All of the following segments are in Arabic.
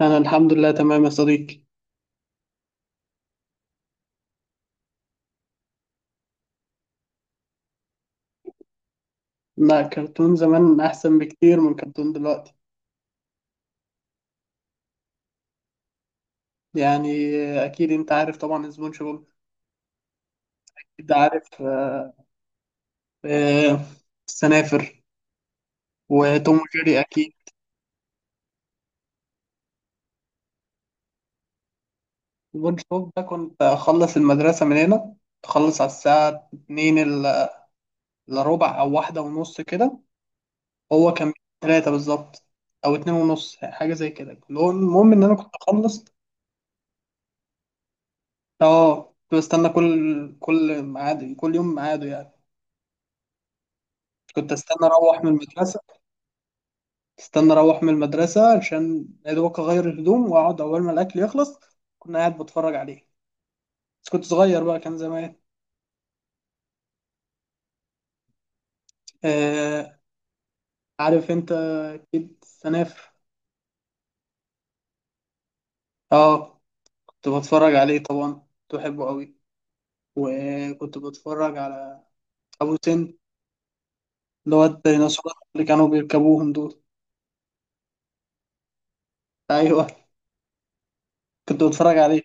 أنا الحمد لله تمام يا صديقي. لا، كرتون زمان أحسن بكتير من كرتون دلوقتي. يعني أكيد أنت عارف طبعا سبونج بوب. أكيد عارف، آه. آه. السنافر وتوم وجيري أكيد. سبونج بوب ده كنت أخلص المدرسة من هنا، تخلص على الساعة اتنين إلا ربع أو 1:30 كده. هو كان تلاتة بالظبط أو 2:30 حاجة زي كده، المهم إن أنا كنت أخلص. أه، كنت بستنى كل ميعاد، كل يوم ميعاده يعني. كنت استنى اروح من المدرسه استنى اروح من المدرسه عشان يا دوبك اغير الهدوم واقعد اول ما الاكل يخلص، كنا قاعد بتفرج عليه، بس كنت صغير بقى، كان زمان. آه، عارف انت اكيد اه، كنت بتفرج عليه طبعا، كنت بحبه قوي. وكنت بتفرج على ابو سن، اللي هو الديناصورات اللي كانوا بيركبوهم دول. ايوه، كنت بتفرج عليه.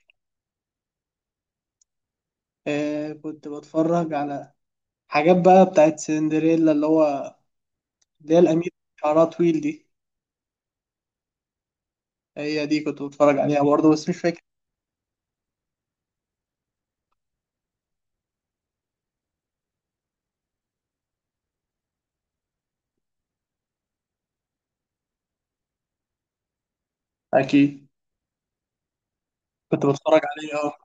آه، كنت بتفرج على حاجات بقى بتاعت سندريلا، اللي هي الأميرة شعرها طويل دي. هي دي كنت بتفرج عليها برضه، بس مش فاكر. اكيد. كنت بتفرج عليه، اه.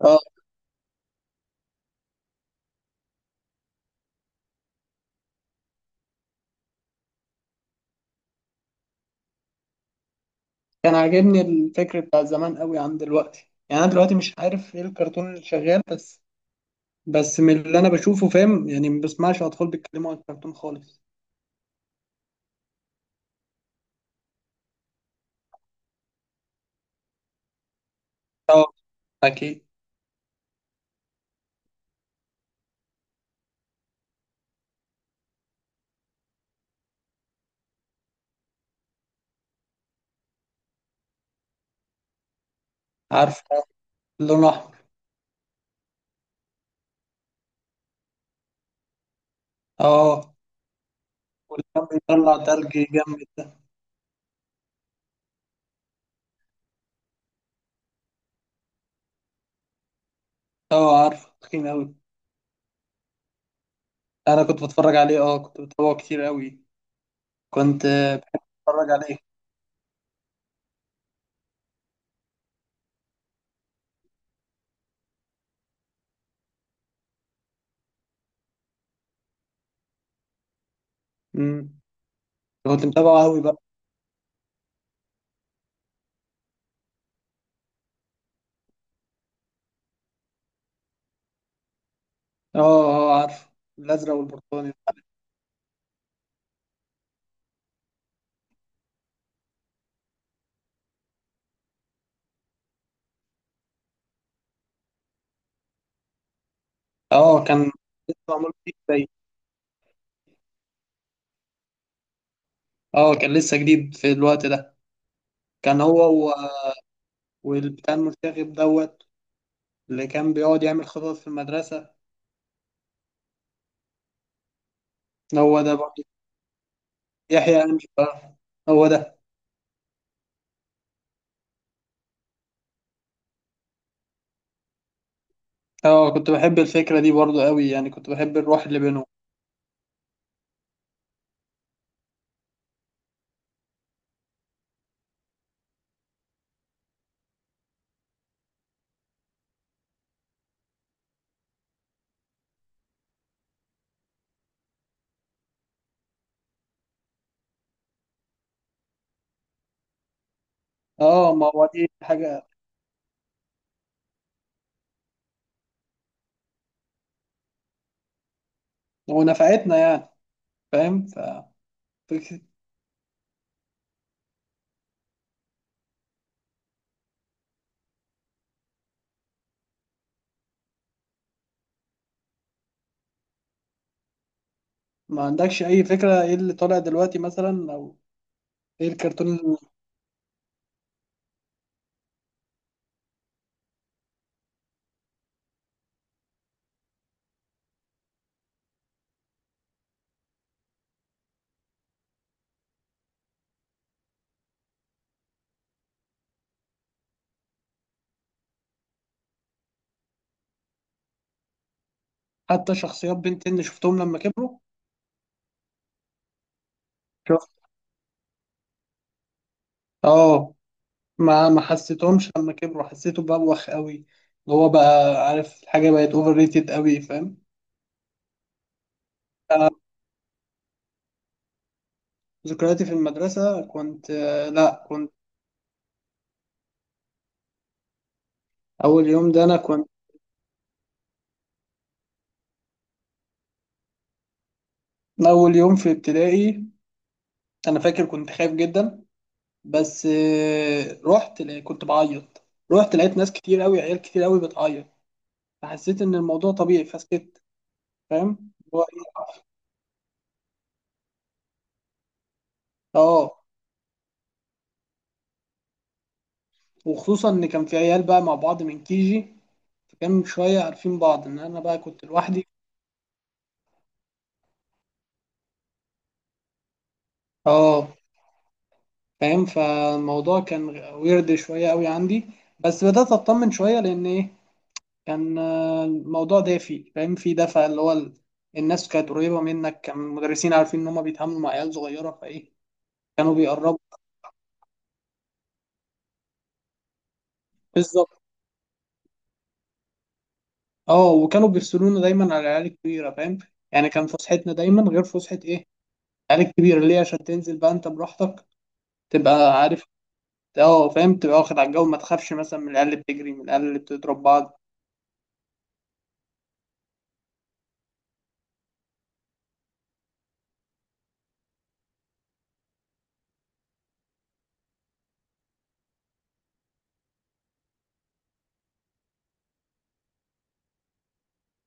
اه. كان عاجبني الفكر بتاع زمان قوي عن دلوقتي، يعني انا دلوقتي مش عارف ايه الكرتون اللي شغال، بس من اللي انا بشوفه فاهم، يعني ما بسمعش اطفال بيتكلموا عن الكرتون خالص. اه. اكيد. عارف. لون احمر. اه. واللي كان بيطلع تلج جامد ده. اه عارف، تخين قوي، انا كنت بتفرج عليه، اه، كنت بتابعه كتير قوي، كنت بحب اتفرج عليه. امم. كنت متابعه قوي بقى. اه، اه، عارف الازرق والبرتقاني. اه، كان لسه معمول فيه زي، اه كان لسه جديد في الوقت ده. كان هو و... والبتاع المرتغب دوت، اللي كان بيقعد يعمل خطط في المدرسة. هو ده برضه، يحيى أمين، آه، هو ده. اه، كنت بحب الفكرة دي برضه قوي، يعني كنت بحب الروح اللي بينهم. اه، ما هو دي حاجة ونفعتنا يعني. فاهم. فك- ما عندكش أي فكرة ايه اللي طالع دلوقتي مثلا، أو ايه الكرتون. حتى شخصيات بنتين اللي شفتهم لما كبروا. اه، ما حسيتهمش لما كبروا، حسيته بوخ قوي، اللي هو بقى عارف الحاجه بقت اوفر ريتد قوي، فاهم. أنا ذكرياتي في المدرسه، كنت آه، لا كنت اول يوم ده انا كنت اول يوم في ابتدائي انا فاكر كنت خايف جدا، بس آه، رحت لا- كنت بعيط. رحت لقيت ناس كتير قوي، عيال كتير قوي بتعيط، فحسيت ان الموضوع طبيعي فسكت. فاهم هو إيه؟ اه، وخصوصا ان كان في عيال بقى مع بعض من كيجي، فكان شويه عارفين بعض ان انا بقى كنت لوحدي. اه، فاهم، فالموضوع كان ويرد شويه قوي عندي، بس بدات اطمن شويه لان ايه، كان الموضوع دافي، فاهم، في دفع، اللي هو الناس كانت قريبه منك، كان المدرسين عارفين ان هم بيتعاملوا مع عيال صغيره فايه كانوا بيقربوا. بالظبط. اه، وكانوا بيفصلونا دايما على العيال الكبيره، فاهم، يعني كان فسحتنا دايما غير فسحه ايه العيال الكبيره، ليه؟ عشان تنزل بقى انت براحتك، تبقى عارف، اه فاهم، تبقى واخد على الجو، ما تخافش مثلا من العيال اللي بتجري، من العيال اللي بتضرب بعض.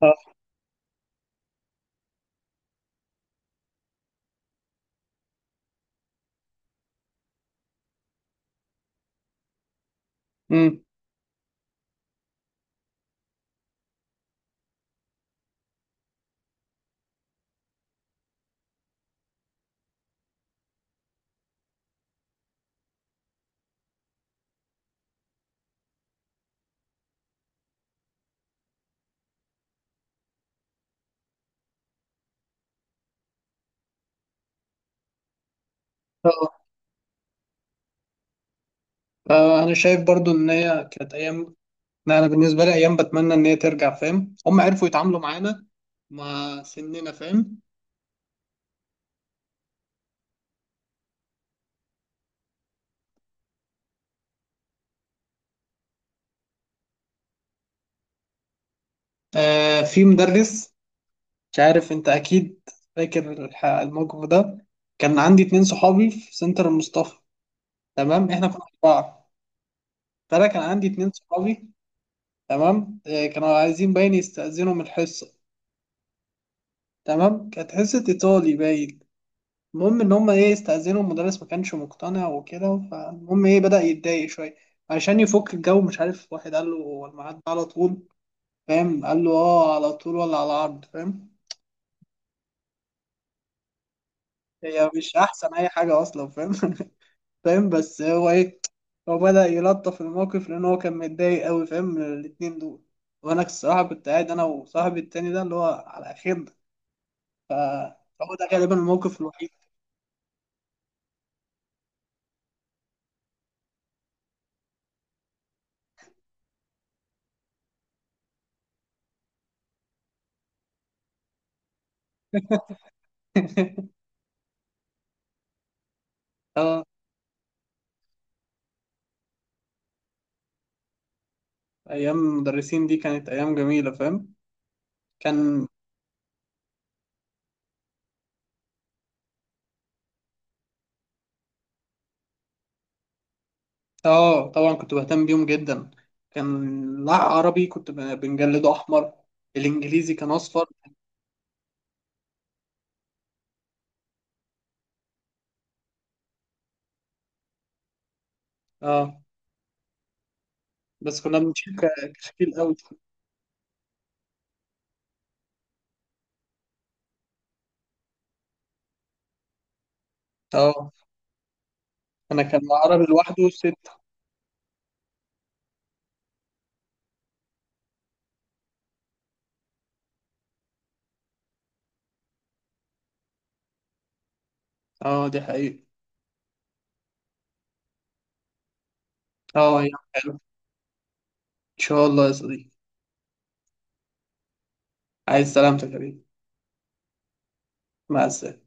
اه. امم. آه، انا شايف برضو ان هي كانت ايام، لا، انا بالنسبه لي ايام بتمنى ان هي ترجع، فاهم هم عرفوا يتعاملوا معانا مع سننا، فاهم. آه، في مدرس، مش عارف انت اكيد فاكر الموقف ده. كان عندي اتنين صحابي في سنتر المصطفى، تمام، احنا كنا اربعه، فانا كان عندي اتنين صحابي. تمام، آه، كانوا عايزين باين يستأذنوا من الحصه. تمام، كانت حصه ايطالي باين، المهم ان هم ايه استأذنوا المدرس ما كانش مقتنع وكده، فالمهم ايه بدأ يتضايق شويه، عشان يفك الجو، مش عارف، واحد قال له هو الميعاد ده على طول؟ فاهم قال له، اه على طول ولا على عرض، فاهم؟ هي مش احسن اي حاجه اصلا، فاهم فاهم، بس هو ايه، هو بدأ يلطف الموقف، لان هو كان متضايق قوي، فاهم، من الاتنين دول، وانا الصراحه كنت قاعد انا وصاحبي التاني ده اللي هو على خير، ف- فهو ده غالبا الموقف الوحيد اه، ايام المدرسين دي كانت ايام جميله، فاهم. كان اه طبعا كنت بهتم بيهم جدا. كان العربي كنت بنجلده احمر، الانجليزي كان اصفر. اه، بس كنا بنشيل كشكيل قوي. اه، انا كان العربي لوحده ستة. اه دي حقيقة. اه يا حلو، ان شاء الله يا صديقي. عايز سلامتك يا حبيبي. مع السلامة.